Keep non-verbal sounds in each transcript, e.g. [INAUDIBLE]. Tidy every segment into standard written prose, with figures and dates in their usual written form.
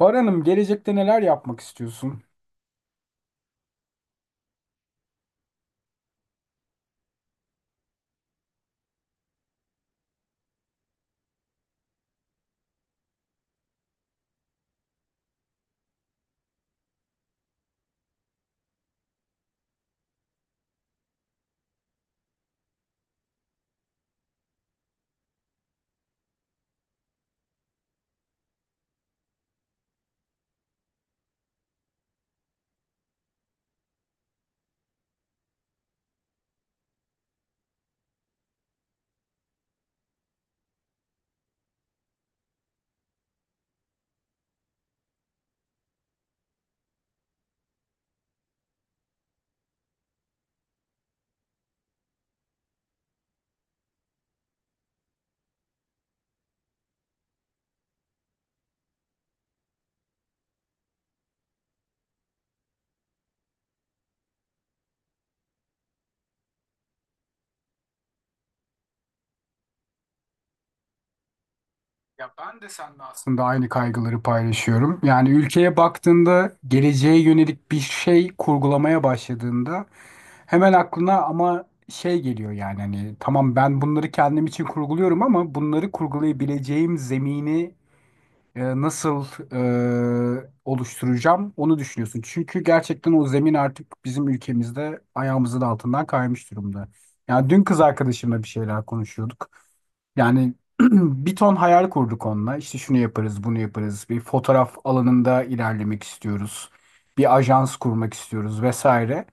Bahar Hanım, gelecekte neler yapmak istiyorsun? Ya ben de seninle aslında aynı kaygıları paylaşıyorum. Yani ülkeye baktığında geleceğe yönelik bir şey kurgulamaya başladığında hemen aklına ama şey geliyor. Yani hani tamam, ben bunları kendim için kurguluyorum ama bunları kurgulayabileceğim zemini nasıl oluşturacağım onu düşünüyorsun. Çünkü gerçekten o zemin artık bizim ülkemizde ayağımızın altından kaymış durumda. Yani dün kız arkadaşımla bir şeyler konuşuyorduk. Yani [CLEARS THROAT] bir ton hayal kurduk onunla. İşte şunu yaparız, bunu yaparız. Bir fotoğraf alanında ilerlemek istiyoruz. Bir ajans kurmak istiyoruz vesaire.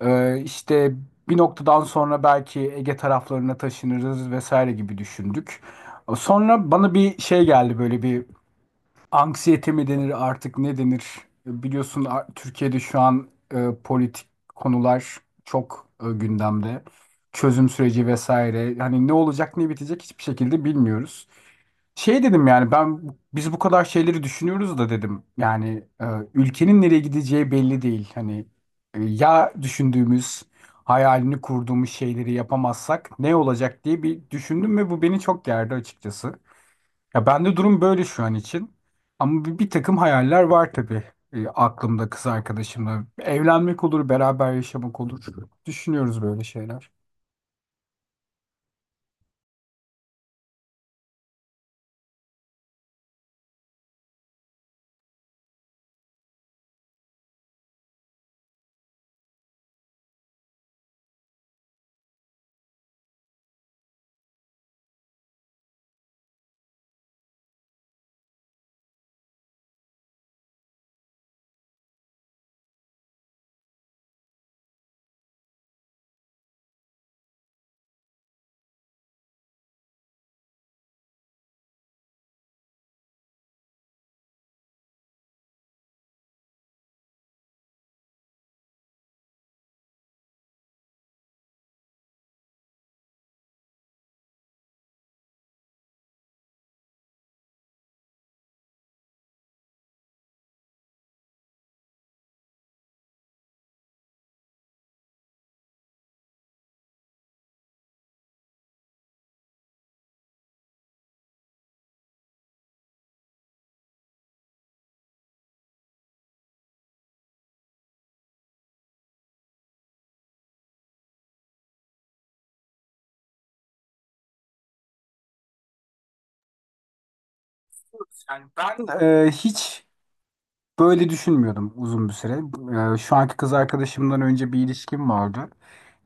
İşte bir noktadan sonra belki Ege taraflarına taşınırız vesaire gibi düşündük. Sonra bana bir şey geldi, böyle bir anksiyete mi denir artık, ne denir? Biliyorsun, Türkiye'de şu an politik konular çok gündemde. Çözüm süreci vesaire. Hani ne olacak, ne bitecek hiçbir şekilde bilmiyoruz. Şey dedim, yani ben biz bu kadar şeyleri düşünüyoruz da dedim. Yani ülkenin nereye gideceği belli değil. Hani ya düşündüğümüz, hayalini kurduğumuz şeyleri yapamazsak ne olacak diye bir düşündüm ve bu beni çok gerdi açıkçası. Ya bende durum böyle şu an için. Ama bir takım hayaller var tabii. Aklımda kız arkadaşımla. Evlenmek olur, beraber yaşamak olur. Düşünüyoruz böyle şeyler. Ben e, hiç böyle düşünmüyordum uzun bir süre. Şu anki kız arkadaşımdan önce bir ilişkim vardı.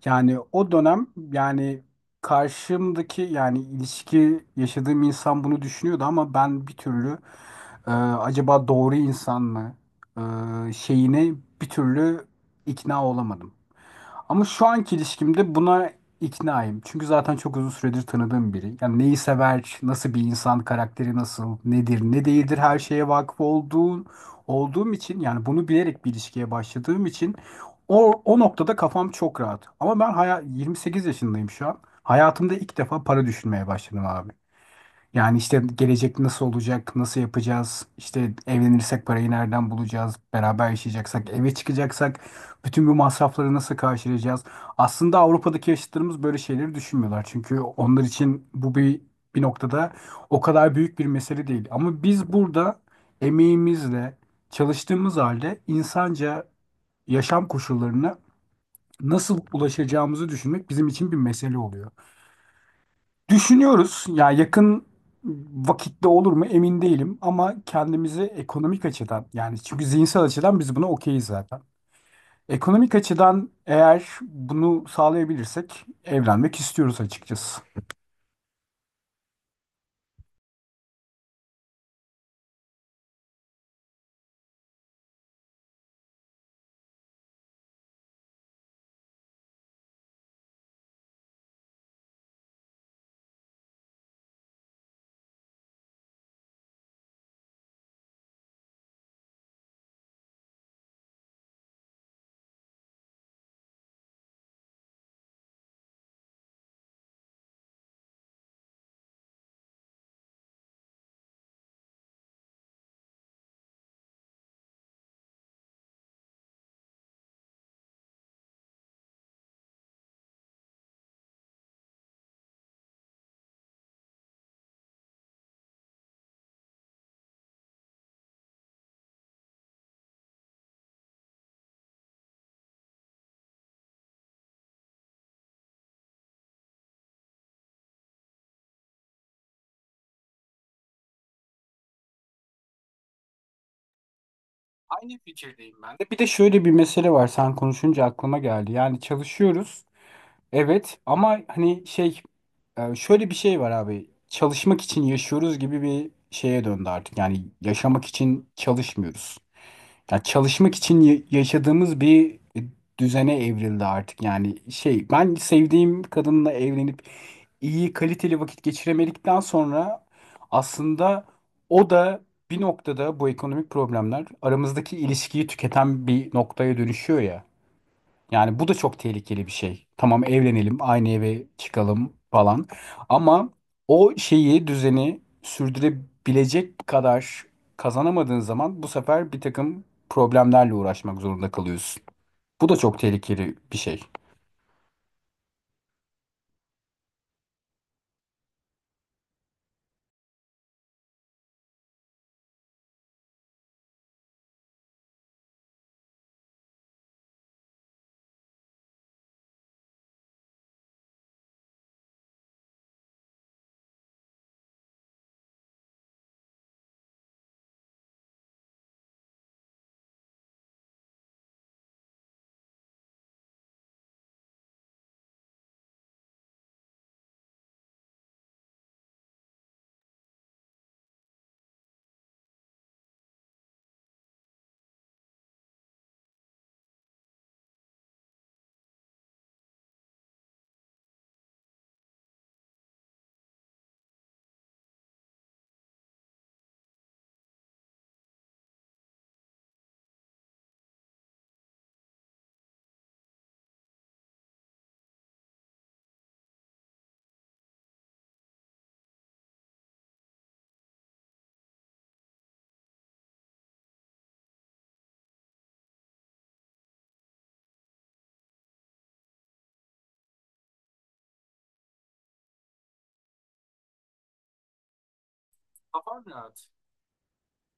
Yani o dönem, yani karşımdaki, yani ilişki yaşadığım insan bunu düşünüyordu ama ben bir türlü, acaba doğru insan mı şeyine bir türlü ikna olamadım. Ama şu anki ilişkimde buna iknaayım. Çünkü zaten çok uzun süredir tanıdığım biri. Yani neyi sever, nasıl bir insan, karakteri nasıl, nedir, ne değildir her şeye vakıf olduğum için, yani bunu bilerek bir ilişkiye başladığım için o noktada kafam çok rahat. Ama ben 28 yaşındayım şu an. Hayatımda ilk defa para düşünmeye başladım abi. Yani işte gelecek nasıl olacak, nasıl yapacağız, işte evlenirsek parayı nereden bulacağız, beraber yaşayacaksak, eve çıkacaksak, bütün bu masrafları nasıl karşılayacağız? Aslında Avrupa'daki yaşıtlarımız böyle şeyleri düşünmüyorlar. Çünkü onlar için bu bir noktada o kadar büyük bir mesele değil. Ama biz burada emeğimizle, çalıştığımız halde insanca yaşam koşullarına nasıl ulaşacağımızı düşünmek bizim için bir mesele oluyor. Düşünüyoruz. Ya yakın vakitte olur mu emin değilim ama kendimizi ekonomik açıdan, yani çünkü zihinsel açıdan biz buna okeyiz zaten. Ekonomik açıdan eğer bunu sağlayabilirsek evlenmek istiyoruz açıkçası. Aynı fikirdeyim ben de. Bir de şöyle bir mesele var. Sen konuşunca aklıma geldi. Yani çalışıyoruz. Evet ama hani şey, şöyle bir şey var abi. Çalışmak için yaşıyoruz gibi bir şeye döndü artık. Yani yaşamak için çalışmıyoruz. Ya çalışmak için yaşadığımız bir düzene evrildi artık. Yani şey, ben sevdiğim kadınla evlenip iyi kaliteli vakit geçiremedikten sonra aslında o da bir noktada bu ekonomik problemler aramızdaki ilişkiyi tüketen bir noktaya dönüşüyor ya. Yani bu da çok tehlikeli bir şey. Tamam evlenelim, aynı eve çıkalım falan. Ama o şeyi, düzeni sürdürebilecek kadar kazanamadığın zaman bu sefer bir takım problemlerle uğraşmak zorunda kalıyorsun. Bu da çok tehlikeli bir şey. Kafan rahat.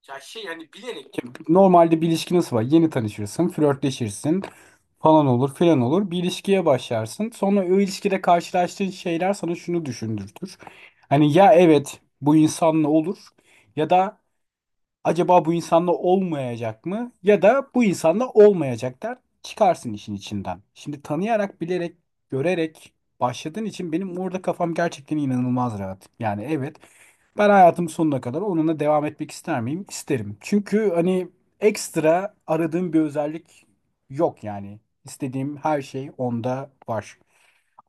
Ya şey, yani bilerek. Normalde bir ilişki nasıl var? Yeni tanışırsın, flörtleşirsin, falan olur filan olur. Bir ilişkiye başlarsın. Sonra o ilişkide karşılaştığın şeyler sana şunu düşündürtür. Hani ya evet, bu insanla olur, ya da acaba bu insanla olmayacak mı? Ya da bu insanla olmayacak der. Çıkarsın işin içinden. Şimdi tanıyarak, bilerek, görerek başladığın için benim orada kafam gerçekten inanılmaz rahat. Yani evet, ben hayatım sonuna kadar onunla devam etmek ister miyim? İsterim. Çünkü hani ekstra aradığım bir özellik yok yani. İstediğim her şey onda var.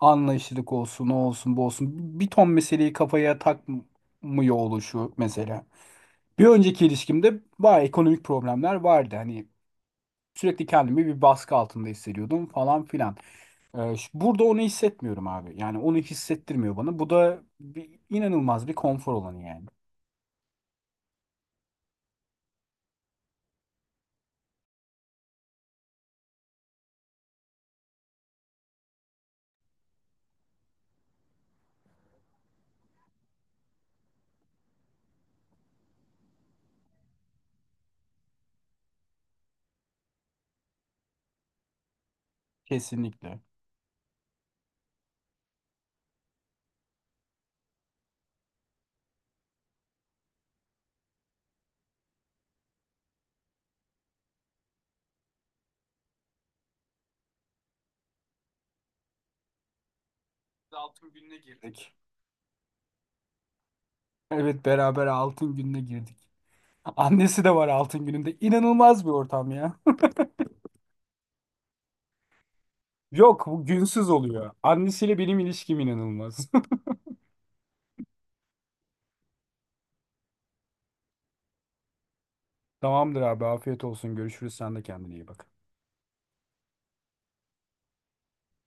Anlayışlılık olsun, o olsun, bu olsun. Bir ton meseleyi kafaya takmıyor oluşu mesela. Bir önceki ilişkimde bayağı ekonomik problemler vardı. Hani sürekli kendimi bir baskı altında hissediyordum falan filan. Burada onu hissetmiyorum abi. Yani onu hissettirmiyor bana. Bu da inanılmaz bir konfor olanı yani. Kesinlikle. Altın gününe girdik. Evet, beraber altın gününe girdik. Annesi de var altın gününde. İnanılmaz bir ortam ya. [LAUGHS] Yok, bu günsüz oluyor. Annesiyle benim ilişkim inanılmaz. [LAUGHS] Tamamdır abi, afiyet olsun. Görüşürüz. Sen de kendine iyi bak.